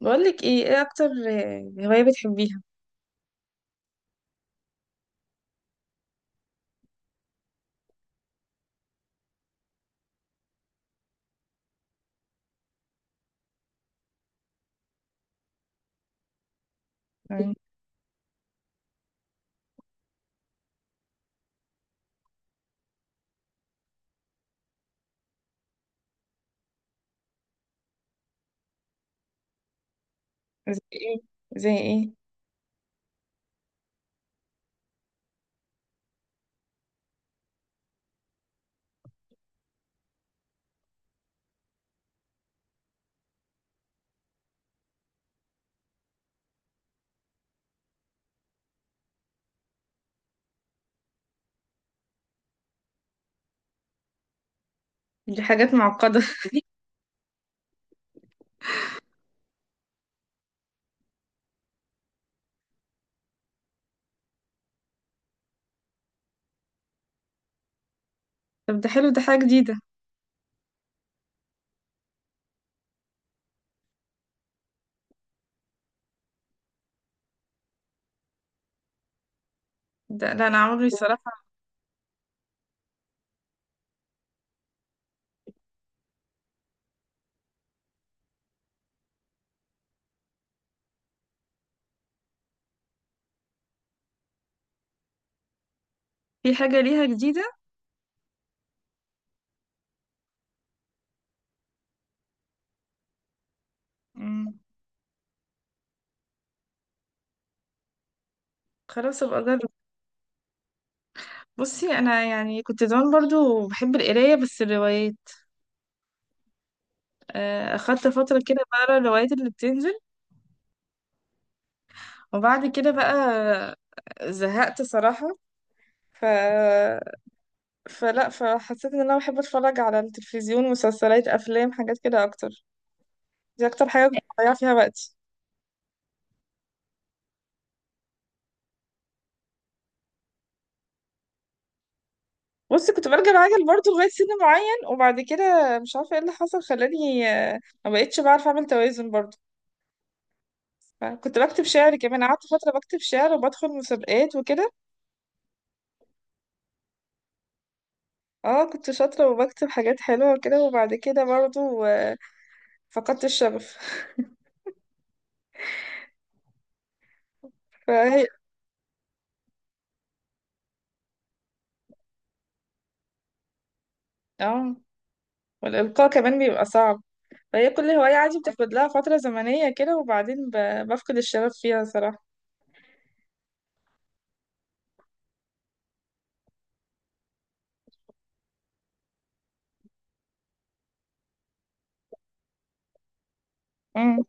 بقولك ايه، ايه اكتر هواية بتحبيها؟ مم. زي ايه، زي ايه؟ دي حاجات معقدة. طب ده حلو، ده حاجة جديدة. ده لا، انا عمري الصراحة... في حاجة ليها جديدة؟ مم. خلاص ابقى اجرب. بصي، انا يعني كنت زمان برضو بحب القراية، بس الروايات. اخدت فترة كده بقرا الروايات اللي بتنزل. وبعد كده بقى زهقت صراحة. ف... فلا فحسيت ان انا بحب اتفرج على التلفزيون، مسلسلات، افلام، حاجات كده اكتر. دي اكتر حاجة كنت بضيع فيها وقتي. بص، كنت برجع العجل برضه لغاية سن معين، وبعد كده مش عارفة ايه اللي حصل خلاني ما بقتش بعرف اعمل توازن برضه. كنت بكتب شعر كمان، قعدت فترة بكتب شعر وبدخل مسابقات وكده. اه، كنت شاطرة وبكتب حاجات حلوة وكده، وبعد كده برضه فقدت الشغف. فهي اه، والإلقاء كمان بيبقى صعب. فهي كل هواية عادي بتاخد لها فترة زمنية كده، وبعدين بفقد الشغف فيها صراحة. مم.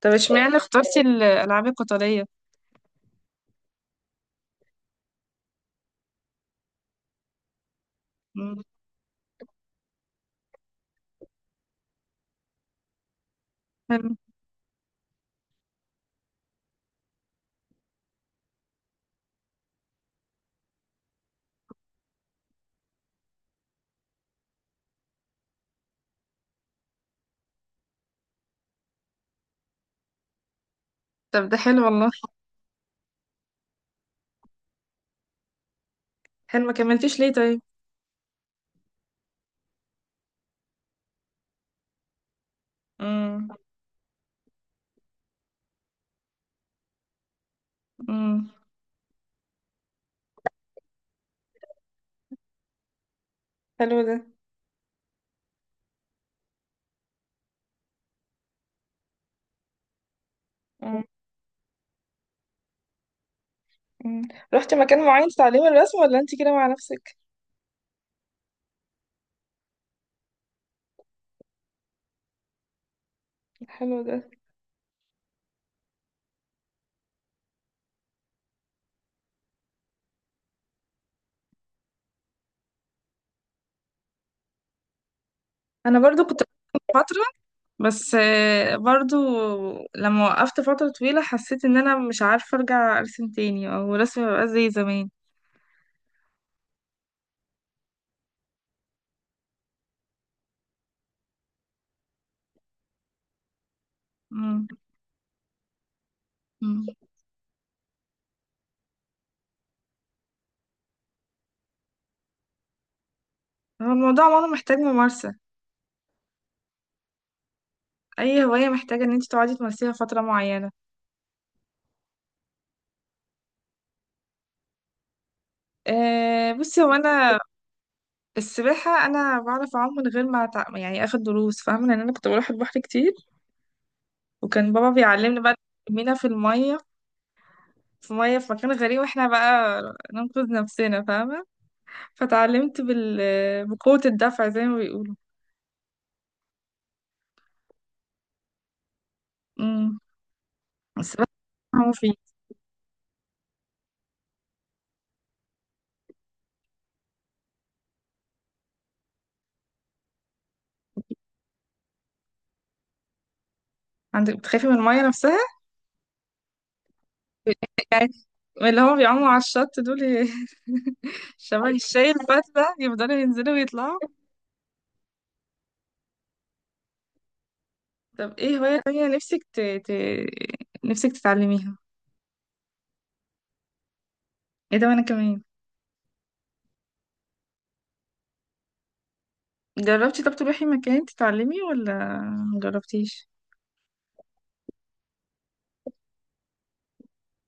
طب اشمعنى اخترتي الألعاب القتالية؟ مم. حلو. طب ده حلو والله. حلو، ما كملتيش ليه طيب؟ امم. امم. حلو ده. امم. أمم. رحتي مكان معين تتعلمي الرسم، ولا انت كده مع نفسك؟ حلو ده. انا برضو كنت فترة، بس برضو لما وقفت فترة طويلة حسيت ان انا مش عارفة ارجع ارسم تاني، او رسمي مبقاش زي زمان. مم. مم. هو الموضوع عموما محتاج ممارسة. اي هواية محتاجة ان انت تقعدي تمارسيها فترة معينة. أه، بصي هو انا... السباحة، انا بعرف اعوم من غير ما يعني اخد دروس، فاهمة؟ لان انا كنت بروح البحر كتير. وكان بابا بيعلمنا بقى، نرمينا في مية في مكان غريب، واحنا بقى ننقذ نفسنا، فاهمة؟ فتعلمت بقوة الدفع زي ما بيقولوا. امم. بس، هو في عندك بتخافي من المية نفسها؟ يعني اللي هما بيعوموا على الشط دول شبه الشاي الفتلة، يفضلوا ينزلوا ويطلعوا. طب ايه هواية تانية نفسك نفسك تتعلميها؟ ايه ده، وانا كمان! جربتي؟ طب تروحي مكان تتعلمي، ولا مجربتيش؟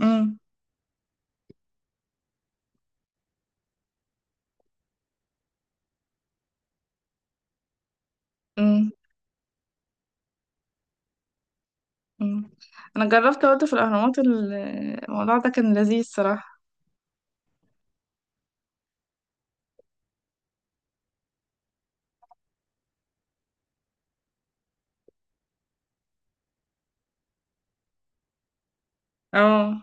امم. امم. مم. انا جربت برضه في الاهرامات الموضوع ده كان لذيذ صراحة. اه،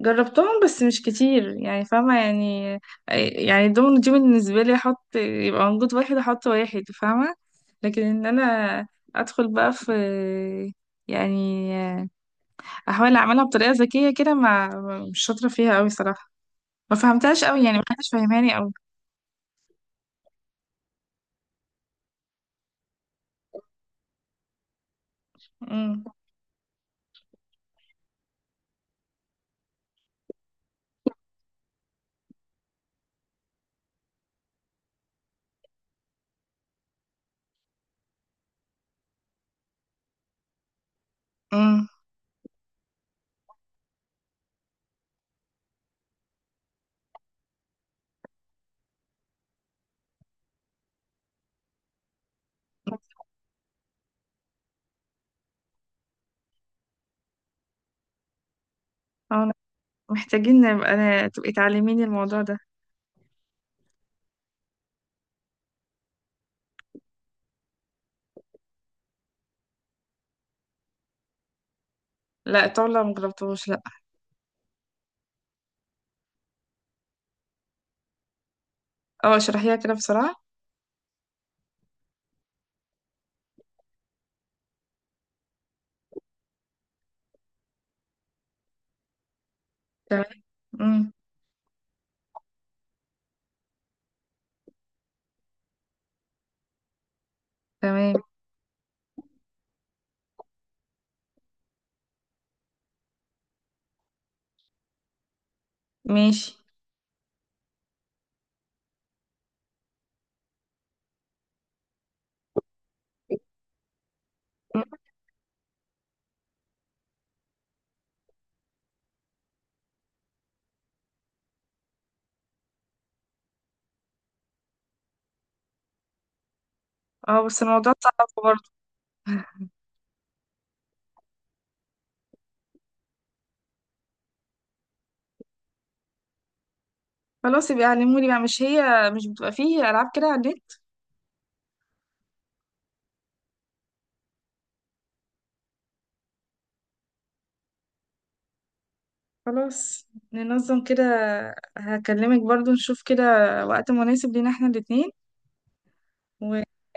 جربتهم بس مش كتير يعني، فاهمة يعني؟ يعني الدومينو دي بالنسبة لي احط يبقى موجود واحد، احط واحد، فاهمة؟ لكن ان انا ادخل بقى في، يعني احاول اعملها بطريقة ذكية كده، ما... مش شاطرة فيها قوي صراحة. ما فهمتهاش قوي يعني، ما حدش فاهماني قوي. امم. امم. اه. محتاجين نبقى تبقي تعلميني الموضوع ده. لا، الطاولة مجربتهوش. اه، اشرحيها كده بسرعة. تمام. امم. تمام. ماشي. مم. اه، بس الموضوع صعب برضه. خلاص يبقى علموني بقى، مش هي مش بتبقى فيه ألعاب كده على النت؟ خلاص. ننظم كده. هكلمك برضه، نشوف كده وقت مناسب لينا احنا الاتنين.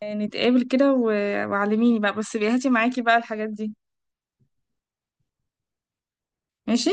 ونتقابل كده و- وعلميني بقى، بس بيهاتي معاكي بقى الحاجات دي. ماشي.